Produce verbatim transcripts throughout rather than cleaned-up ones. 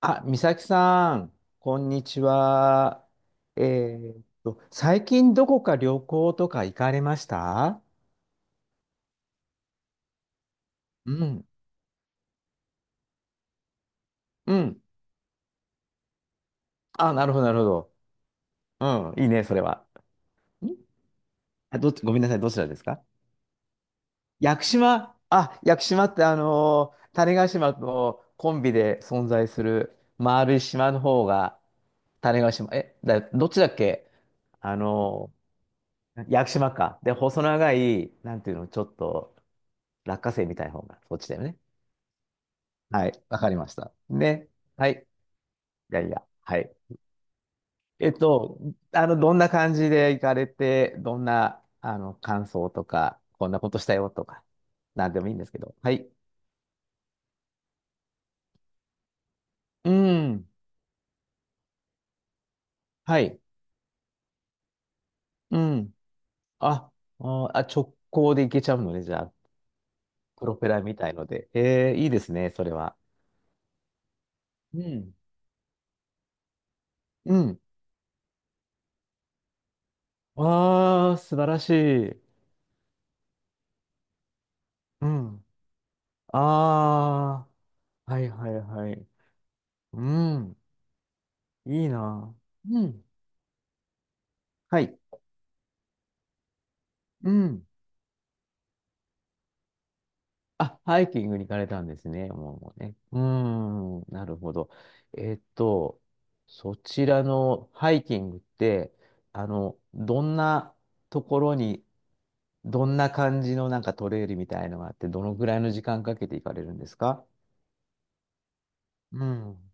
あ、美咲さん、こんにちは。えーっと、最近どこか旅行とか行かれました？うん。うん。あ、なるほど、なるほど。うん、いいね、それは。んあ、どっち、ごめんなさい、どちらですか？屋久島。あ、屋久島って、あのー種子島とコンビで存在する丸い島の方が、種子島、え、だ、どっちだっけ？あの屋久島か。で、細長い、なんていうの、ちょっと落花生みたいな方が、そっちだよね。はい、わかりました。ね。はい。いやいや、はい。えっと、あの、どんな感じで行かれて、どんな、あの、感想とか、こんなことしたよとか、なんでもいいんですけど。はい。うん。はい。うん。あ、あ、あ直行で行けちゃうのね、じゃあ。プロペラみたいので。えー、いいですね、それは。うん。うん。ああ、素晴らしい。うん。ああ、はいはいはい。うん、いいな。うん、はい。うん。あ、ハイキングに行かれたんですね。もう、もうね。うん、なるほど。えっと、そちらのハイキングって、あの、どんなところに、どんな感じのなんかトレイルみたいのがあって、どのぐらいの時間かけて行かれるんですか？うん。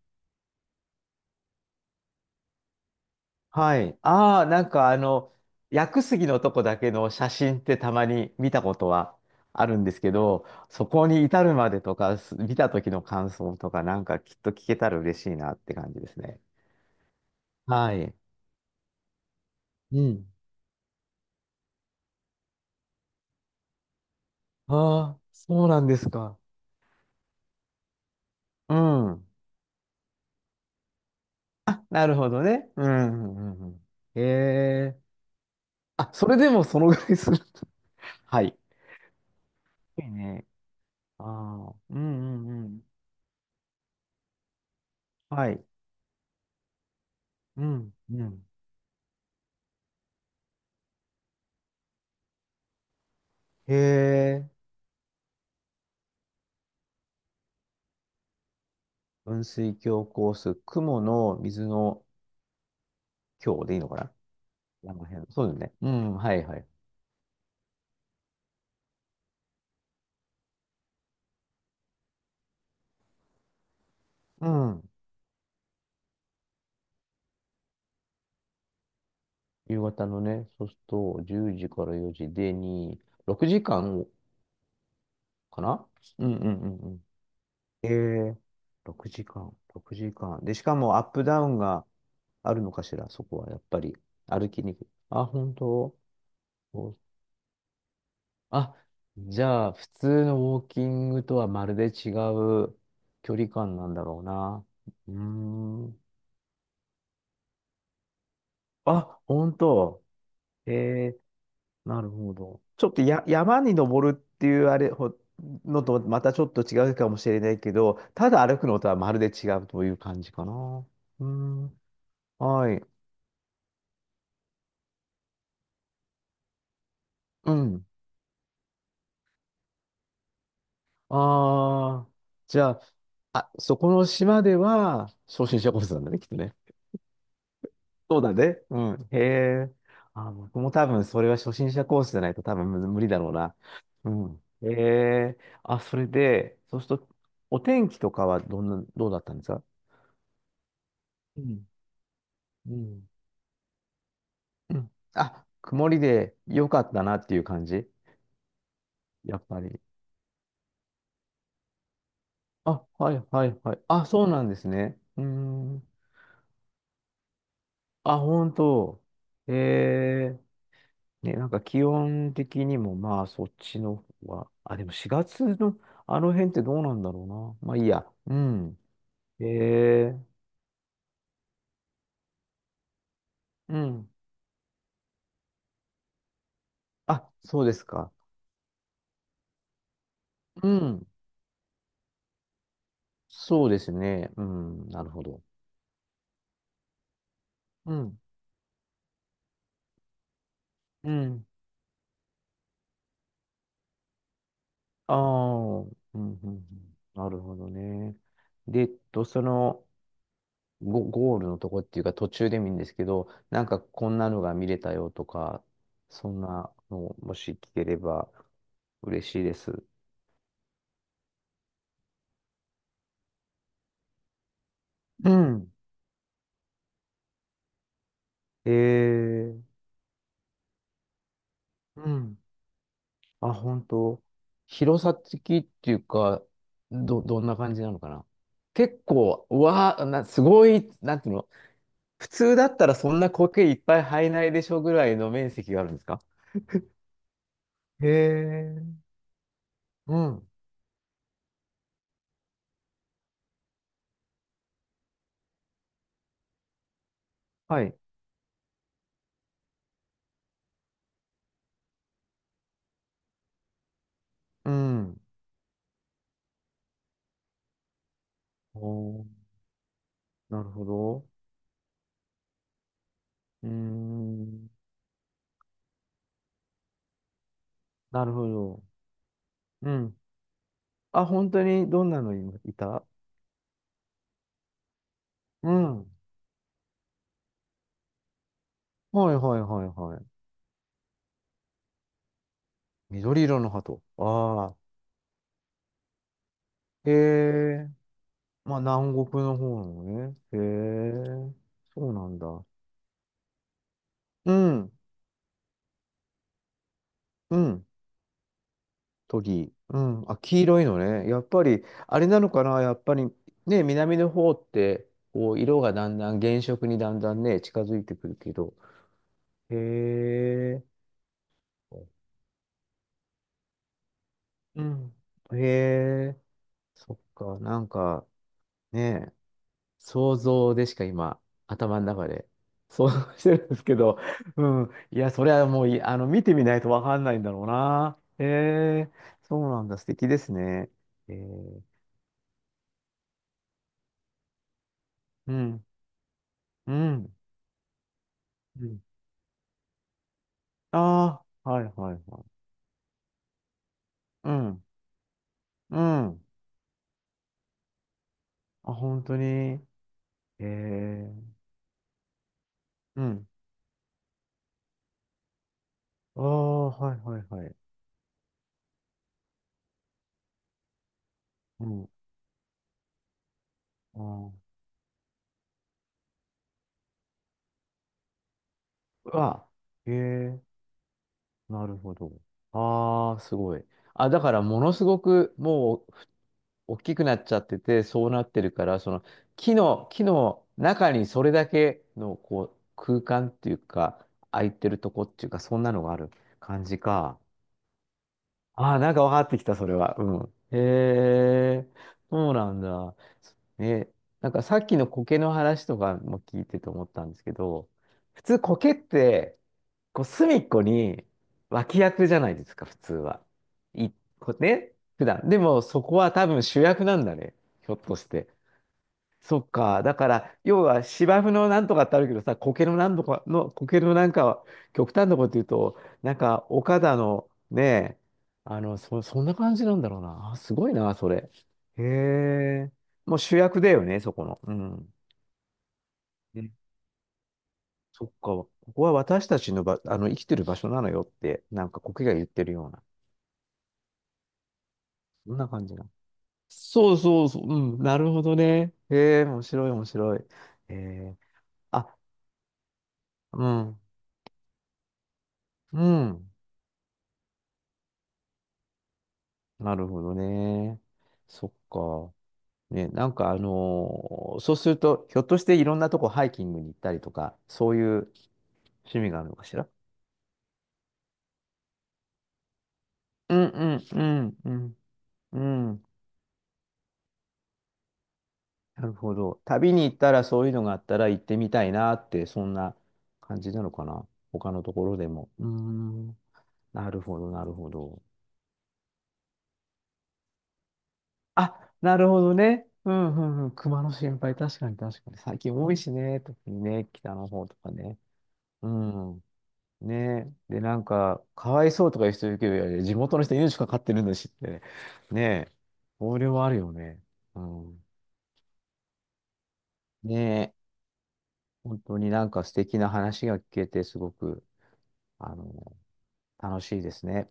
はい。ああ、なんかあの、薬杉のとこだけの写真ってたまに見たことはあるんですけど、そこに至るまでとか、す見た時の感想とか、なんかきっと聞けたら嬉しいなって感じですね。はい。うん。ああ、そうなんですか。うん。あ、なるほどね。うん。うんうんうんへえ。あ、それでもそのぐらいする？はい。いいね。ああ。うんうんうん。はい。うんうん。へえ。雲水峡コース、雲の水の峡でいいのかな？あの辺。そうだよね。うん、はいはい。うん。夕方のね、そうすると、じゅうじからよじでにろくじかんかんかな？うんうんうんうん。ええ、ろくじかん、ろくじかん。で、しかもアップダウンがあるのかしら、そこはやっぱり。歩きにくい。あ、本当？おあ、じゃあ、普通のウォーキングとはまるで違う距離感なんだろうな。うーん。あ、本当。ええ、なるほど。ちょっとや、山に登るっていうあれほのとまたちょっと違うかもしれないけど、ただ歩くのとはまるで違うという感じかな。うん。はい。うん。ああ、じゃあ、あ、そこの島では初心者コースなんだね、きっとね。そうだね。うん。へえ。あ、僕も多分それは初心者コースじゃないと多分む無理だろうな。うん。へえ。あ、それで、そうすると、お天気とかはどんな、どうだったんですか？うん。うんうんあ、曇りで良かったなっていう感じ？やっぱり。あ、はいはいはい。あ、そうなんですね。うーん。あ、本当。へえ。ね、なんか気温的にもまあそっちの方は、あ、でもしがつのあの辺ってどうなんだろうな。まあいいや。うん。へえ、うん。あ、そうですか。うん。そうですね。うん。なるほど。うん。うん。ああ、うん、うん。うんなるほどね。で、えっと、その、ゴ、ゴールのとこっていうか途中でもいいんですけど、なんかこんなのが見れたよとか、そんなのもし聞ければ嬉しいです。うん。ええ、うん。あ、本当。広さ的っていうか、ど、どんな感じなのかな？結構、うわあ、な、すごい、なんていうの、普通だったらそんな苔いっぱい生えないでしょぐらいの面積があるんですか？へえ、うん。はい。うん。おー、なるほど。うーん。なるほど。うん。あ、本当にどんなのいいた。うん。はいはいはいはい。緑色の鳩。ああ。へえ、まあ南国の方なのね。へえ、そうなんだ。うん、うん、トギ。うん、あ、黄色いのね。やっぱり、あれなのかな、やっぱり、ね、南の方って、こう、色がだんだん、原色にだんだんね、近づいてくるけど。へえ、うん。へえ、そっか、なんか、ね、想像でしか今、頭の中で想像してるんですけど、うん。いや、それはもうい、あの、見てみないとわかんないんだろうな。へえ、そうなんだ。素敵ですね。えー、うん、うん、うん。ああ、はい、はい、はい。うん、うん。あ、本当に。えー、うん。ああ、はい、はい、はい。うん。あーうわ、えー、なるほど。ああ、すごい。あ、だからものすごくもう大きくなっちゃってて、そうなってるから、その木の、木の中にそれだけのこう空間っていうか、空いてるとこっていうか、そんなのがある感じか。ああ、なんか分かってきた、それは。うん。へえ、そうなんだ。ね、なんかさっきの苔の話とかも聞いてて思ったんですけど、普通苔って、こう隅っこに脇役じゃないですか、普通は。い、こね、普段。でもそこは多分主役なんだね、ひょっとして。そっか。だから、要は芝生のなんとかってあるけどさ、苔のなんとかの、苔のなんかは、極端なこと言うと、なんか、岡田のね、あの、そ、そんな感じなんだろうな。あ、すごいな、それ。へえ。もう主役だよね、そこの。うん。ねそっか。ここは私たちのば、あの、生きてる場所なのよって、なんか苔が言ってるような。そんな感じな。そうそうそう。うん。なるほどね。へえ、面白い、面白い。へえ。あ、うん。うん。なるほどね。そっか。ね、なんかあのーそうすると、ひょっとしていろんなとこハイキングに行ったりとか、そういう趣味があるのかしら？うんうんうんうん。うん。なるほど。旅に行ったらそういうのがあったら行ってみたいなって、そんな感じなのかな。他のところでも。うーん。なるほど、なるほど。あ、なるほどね。うんうんうん。熊の心配、確かに確かに。最近多いしね。特にね、北の方とかね。うん。ねえ。で、なんか、かわいそうとかいう人いるけど、いやいや地元の人命かかってるんだしって。ねえ。それはあるよね。うん。ねえ。本当になんか素敵な話が聞けて、すごく、あの、楽しいですね。